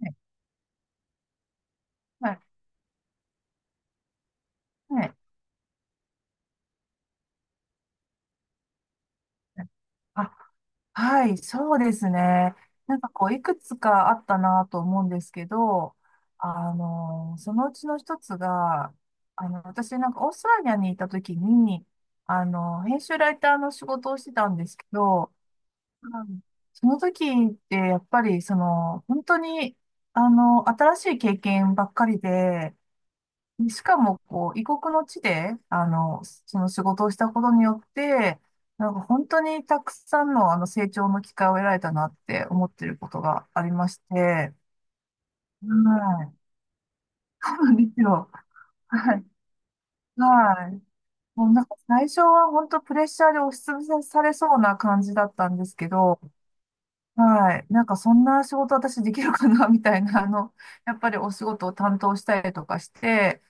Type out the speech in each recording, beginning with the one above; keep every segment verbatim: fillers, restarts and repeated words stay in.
い、はい、はい。あ、はい、そうですね。なんかこう、いくつかあったなと思うんですけど、あの、そのうちの一つが、あの、私なんかオーストラリアにいた時に、あの、編集ライターの仕事をしてたんですけど、うんその時ってやっぱりその、本当に、あの、新しい経験ばっかりで、しかも、こう、異国の地で、あの、その仕事をしたことによって、なんか本当にたくさんの、あの、成長の機会を得られたなって思ってることがありまして、はい。そうなんですよ。はい。はい。もうなんか最初は本当プレッシャーで押しつぶされそうな感じだったんですけど、はい。なんかそんな仕事私できるかなみたいな、あの、やっぱりお仕事を担当したりとかして、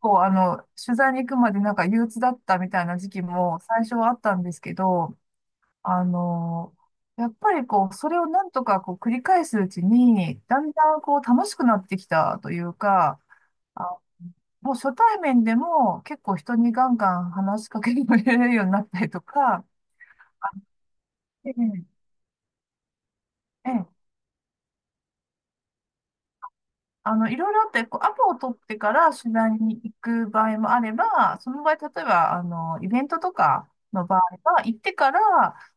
構、あの、取材に行くまでなんか憂鬱だったみたいな時期も最初はあったんですけど、あの、やっぱりこう、それをなんとかこう繰り返すうちに、だんだんこう楽しくなってきたというか、あ、もう初対面でも結構人にガンガン話しかけられるようになったりとか、ええ、ええ、あの、いろいろあって、こう、アポを取ってから取材に行く場合もあれば、その場合、例えば、あの、イベントとかの場合は、行ってから、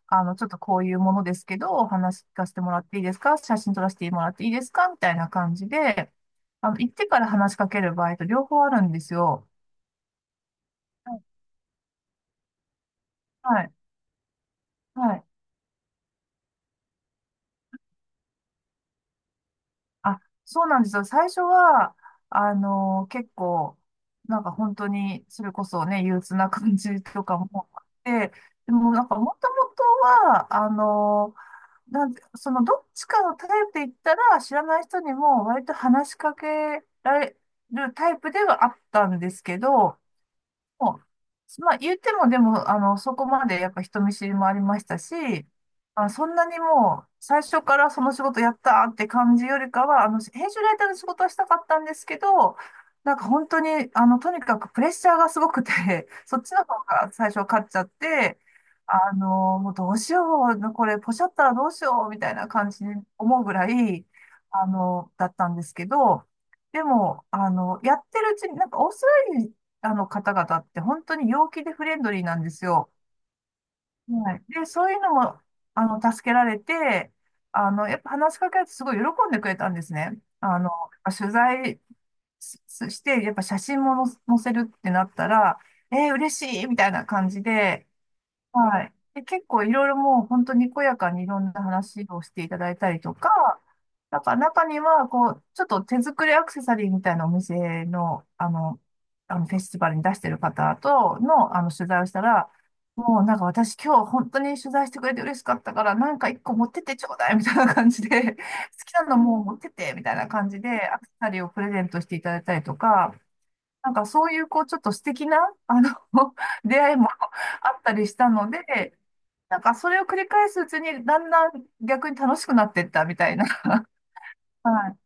あの、ちょっとこういうものですけど、お話聞かせてもらっていいですか、写真撮らせてもらっていいですかみたいな感じで、あの、行ってから話しかける場合と両方あるんですよ。はい、はい。はい。あ、そうなんですよ。最初は、あの、結構、なんか本当に、それこそね、憂鬱な感じとかもあって、でもなんかもともとは、あの、なんて、そのどっちかのタイプで言ったら、知らない人にも割と話しかけられるタイプではあったんですけど、もうまあ、言っても、でも、あの、そこまでやっぱ人見知りもありましたし、あ、そんなにもう、最初からその仕事やったーって感じよりかは、あの、編集ライターの仕事はしたかったんですけど、なんか本当に、あの、とにかくプレッシャーがすごくて、そっちの方が最初勝っちゃって、あの、もうどうしよう、これ、ポシャったらどうしよう、みたいな感じに思うぐらい、あの、だったんですけど、でも、あの、やってるうちに、なんかオーストラあの方々って本当に陽気でフレンドリーなんですよ。はい。で、そういうのも、あの、助けられて、あの、やっぱ話しかけられてすごい喜んでくれたんですね。あの、取材しして、やっぱ写真も載せ載せるってなったら、えー、嬉しいみたいな感じで、はい。で、結構いろいろもう本当にこやかにいろんな話をしていただいたりとか、なんか中には、こう、ちょっと手作りアクセサリーみたいなお店の、あの、あのフェスティバルに出してる方との、あの、取材をしたら、もうなんか私今日本当に取材してくれて嬉しかったから、なんか一個持ってってちょうだいみたいな感じで、好きなのもう持ってってみたいな感じで、アクセサリーをプレゼントしていただいたりとか、なんかそういう、こう、ちょっと素敵な、あの、出会いも あったりしたので、なんかそれを繰り返すうちに、だんだん逆に楽しくなっていったみたいな。はい。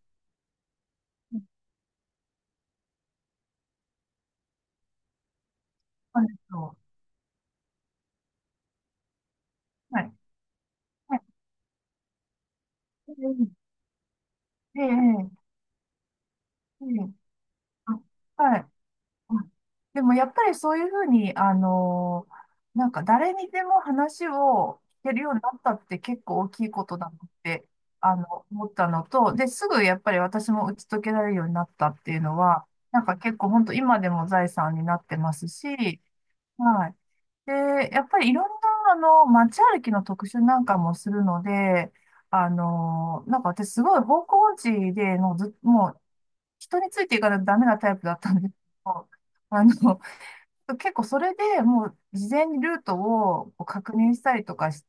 そうなんですよ、はい。はい。ええええええええ、あ、はい。うん。でもやっぱりそういうふうに、あのーなんか誰にでも話を聞けるようになったって結構大きいことだなって、あの、思ったのと、で、すぐやっぱり私も打ち解けられるようになったっていうのは、なんか結構本当今でも財産になってますし、はい。で、やっぱりいろんな、あの、街歩きの特集なんかもするので、あのなんか私すごい方向音痴で、もうず、もう人についていかないとダメなタイプだったんですけど、あの、結構それでもう事前にルートをこう確認したりとかし、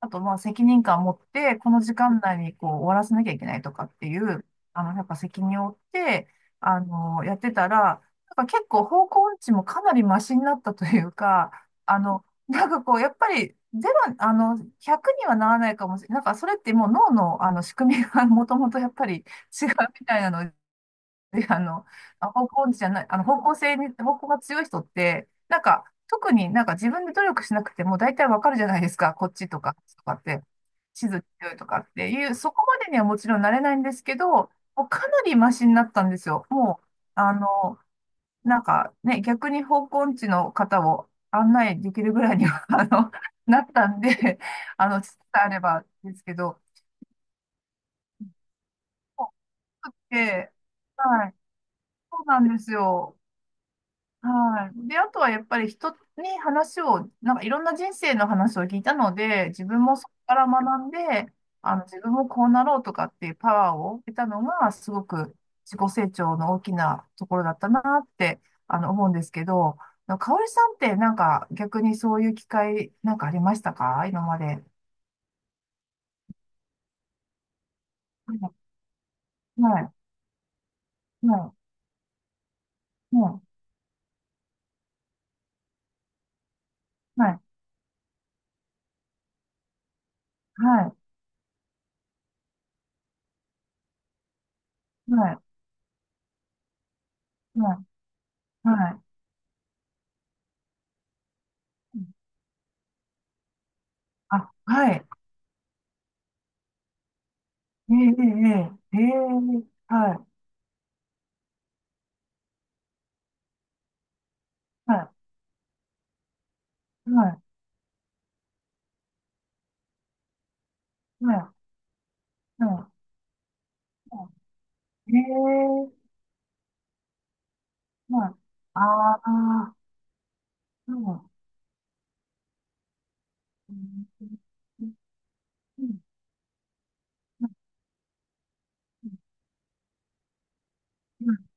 あとまあ責任感を持って、この時間内にこう終わらせなきゃいけないとかっていう、あの、やっぱ責任を負って、あの、やってたら、なんか結構方向音痴もかなりマシになったというか、あの、なんかこう、やっぱりゼロ、あの、ひゃくにはならないかもしれない。なんかそれってもう脳の、あの仕組みが もともとやっぱり違うみたいなので、あの、あ方向じゃない、あの、方向性に、方向が強い人って、なんか、特になんか自分で努力しなくても大体わかるじゃないですか。こっちとか、とかって、地図強いとかっていう、そこまでにはもちろんなれないんですけど、もうかなりマシになったんですよ。もう、あの、なんかね、逆に方向音痴の方を案内できるぐらいには、あの、なったんで、あの、地図さえあればですけど、もう、で、はい、そうなんですよ。はい。で、あとはやっぱり人に話を、なんかいろんな人生の話を聞いたので、自分もそこから学んで、あの、自分もこうなろうとかっていうパワーを得たのが、すごく自己成長の大きなところだったなって、あの、思うんですけど、かおりさんってなんか逆にそういう機会なんかありましたか、今まで。はい、はい、はい、はい、はい、はい、はい、はい。あ、はい。ええええええええ、はい。はい、はい、はい、はい、はい。えー、はい。ああ、はい。うん、うん、うん、うん、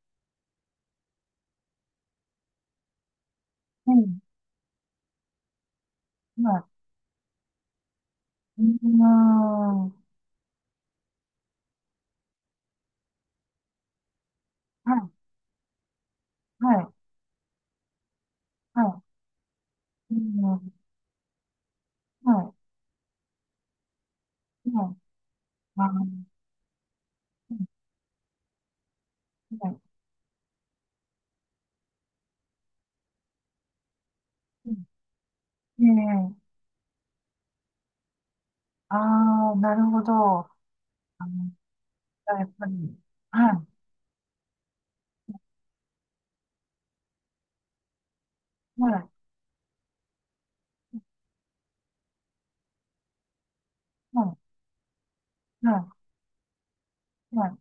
うん、はい。うん、はい、はい、はい。うん、はい、はい。ああ、はい、うん。ええ、ああー、なるほど。あの、やっぱり。はい、はい、はい、はい、はい、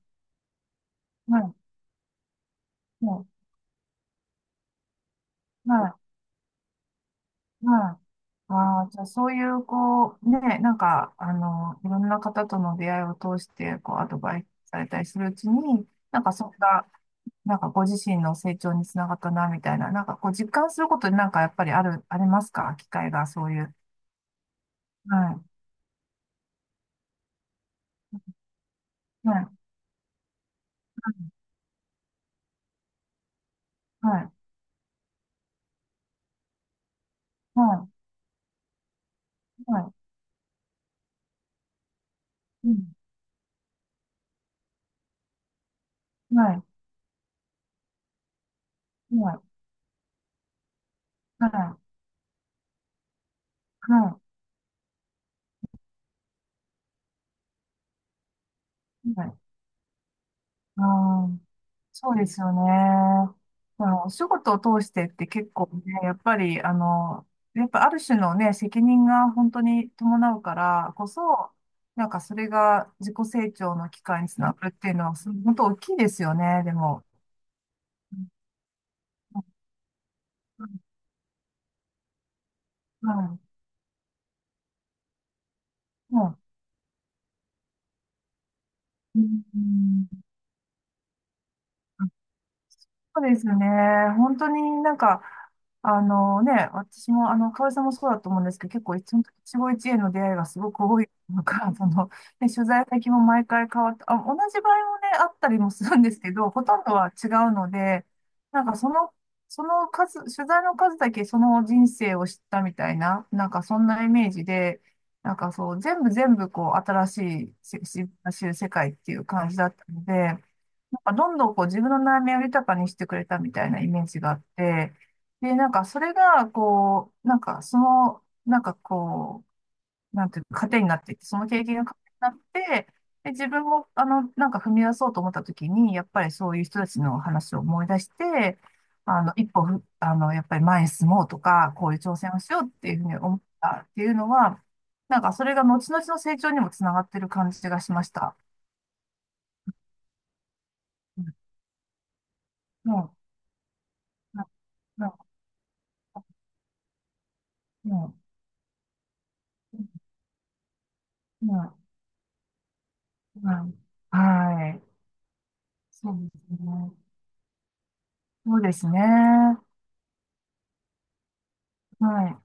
はい、はい、はい、はい。ああ、じゃあそういう、こう、ね、なんか、あの、いろんな方との出会いを通して、こう、アドバイスされたりするうちに、なんかそれが、なんかご自身の成長につながったな、みたいな、なんかこう、実感することに、なんかやっぱりある、ありますか、機会が、そういう。はい。はい。はい。はい。はい。うん、はい。はい。はい。はい。はい。ああ、そうですよね。まあ、お仕事を通してって結構ね、やっぱり、あの、やっぱある種のね、責任が本当に伴うからこそ、なんかそれが自己成長の機会につながるっていうのは、す本当大きいですよね、でも。うん、うん、うん、う、うん。そうですよね。本当になんか、あのね、私も、あの、河合さんもそうだと思うんですけど、結構一本一期一会の出会いがすごく多いのか、その、ね、取材先も毎回変わって、あ、同じ場合もね、あったりもするんですけど、ほとんどは違うので、なんかその、その数、取材の数だけその人生を知ったみたいな、なんかそんなイメージで、なんかそう、全部全部こう、新しい、し、し、知る世界っていう感じだったので、なんかどんどんこう自分の悩みを豊かにしてくれたみたいなイメージがあって、で、なんかそれが、こう、なんかその、なんかこう、なんていうか、糧になっていって、その経験が糧になって、で、自分も、あの、なんか踏み出そうと思った時に、やっぱりそういう人たちの話を思い出して、あの、一歩ふ、あの、やっぱり前に進もうとか、こういう挑戦をしようっていうふうに思ったっていうのは、なんかそれが後々の成長にもつながってる感じがしました。うん。うん。うん、うん、まあ、まあ、はい。そうですね。そうですね。はい。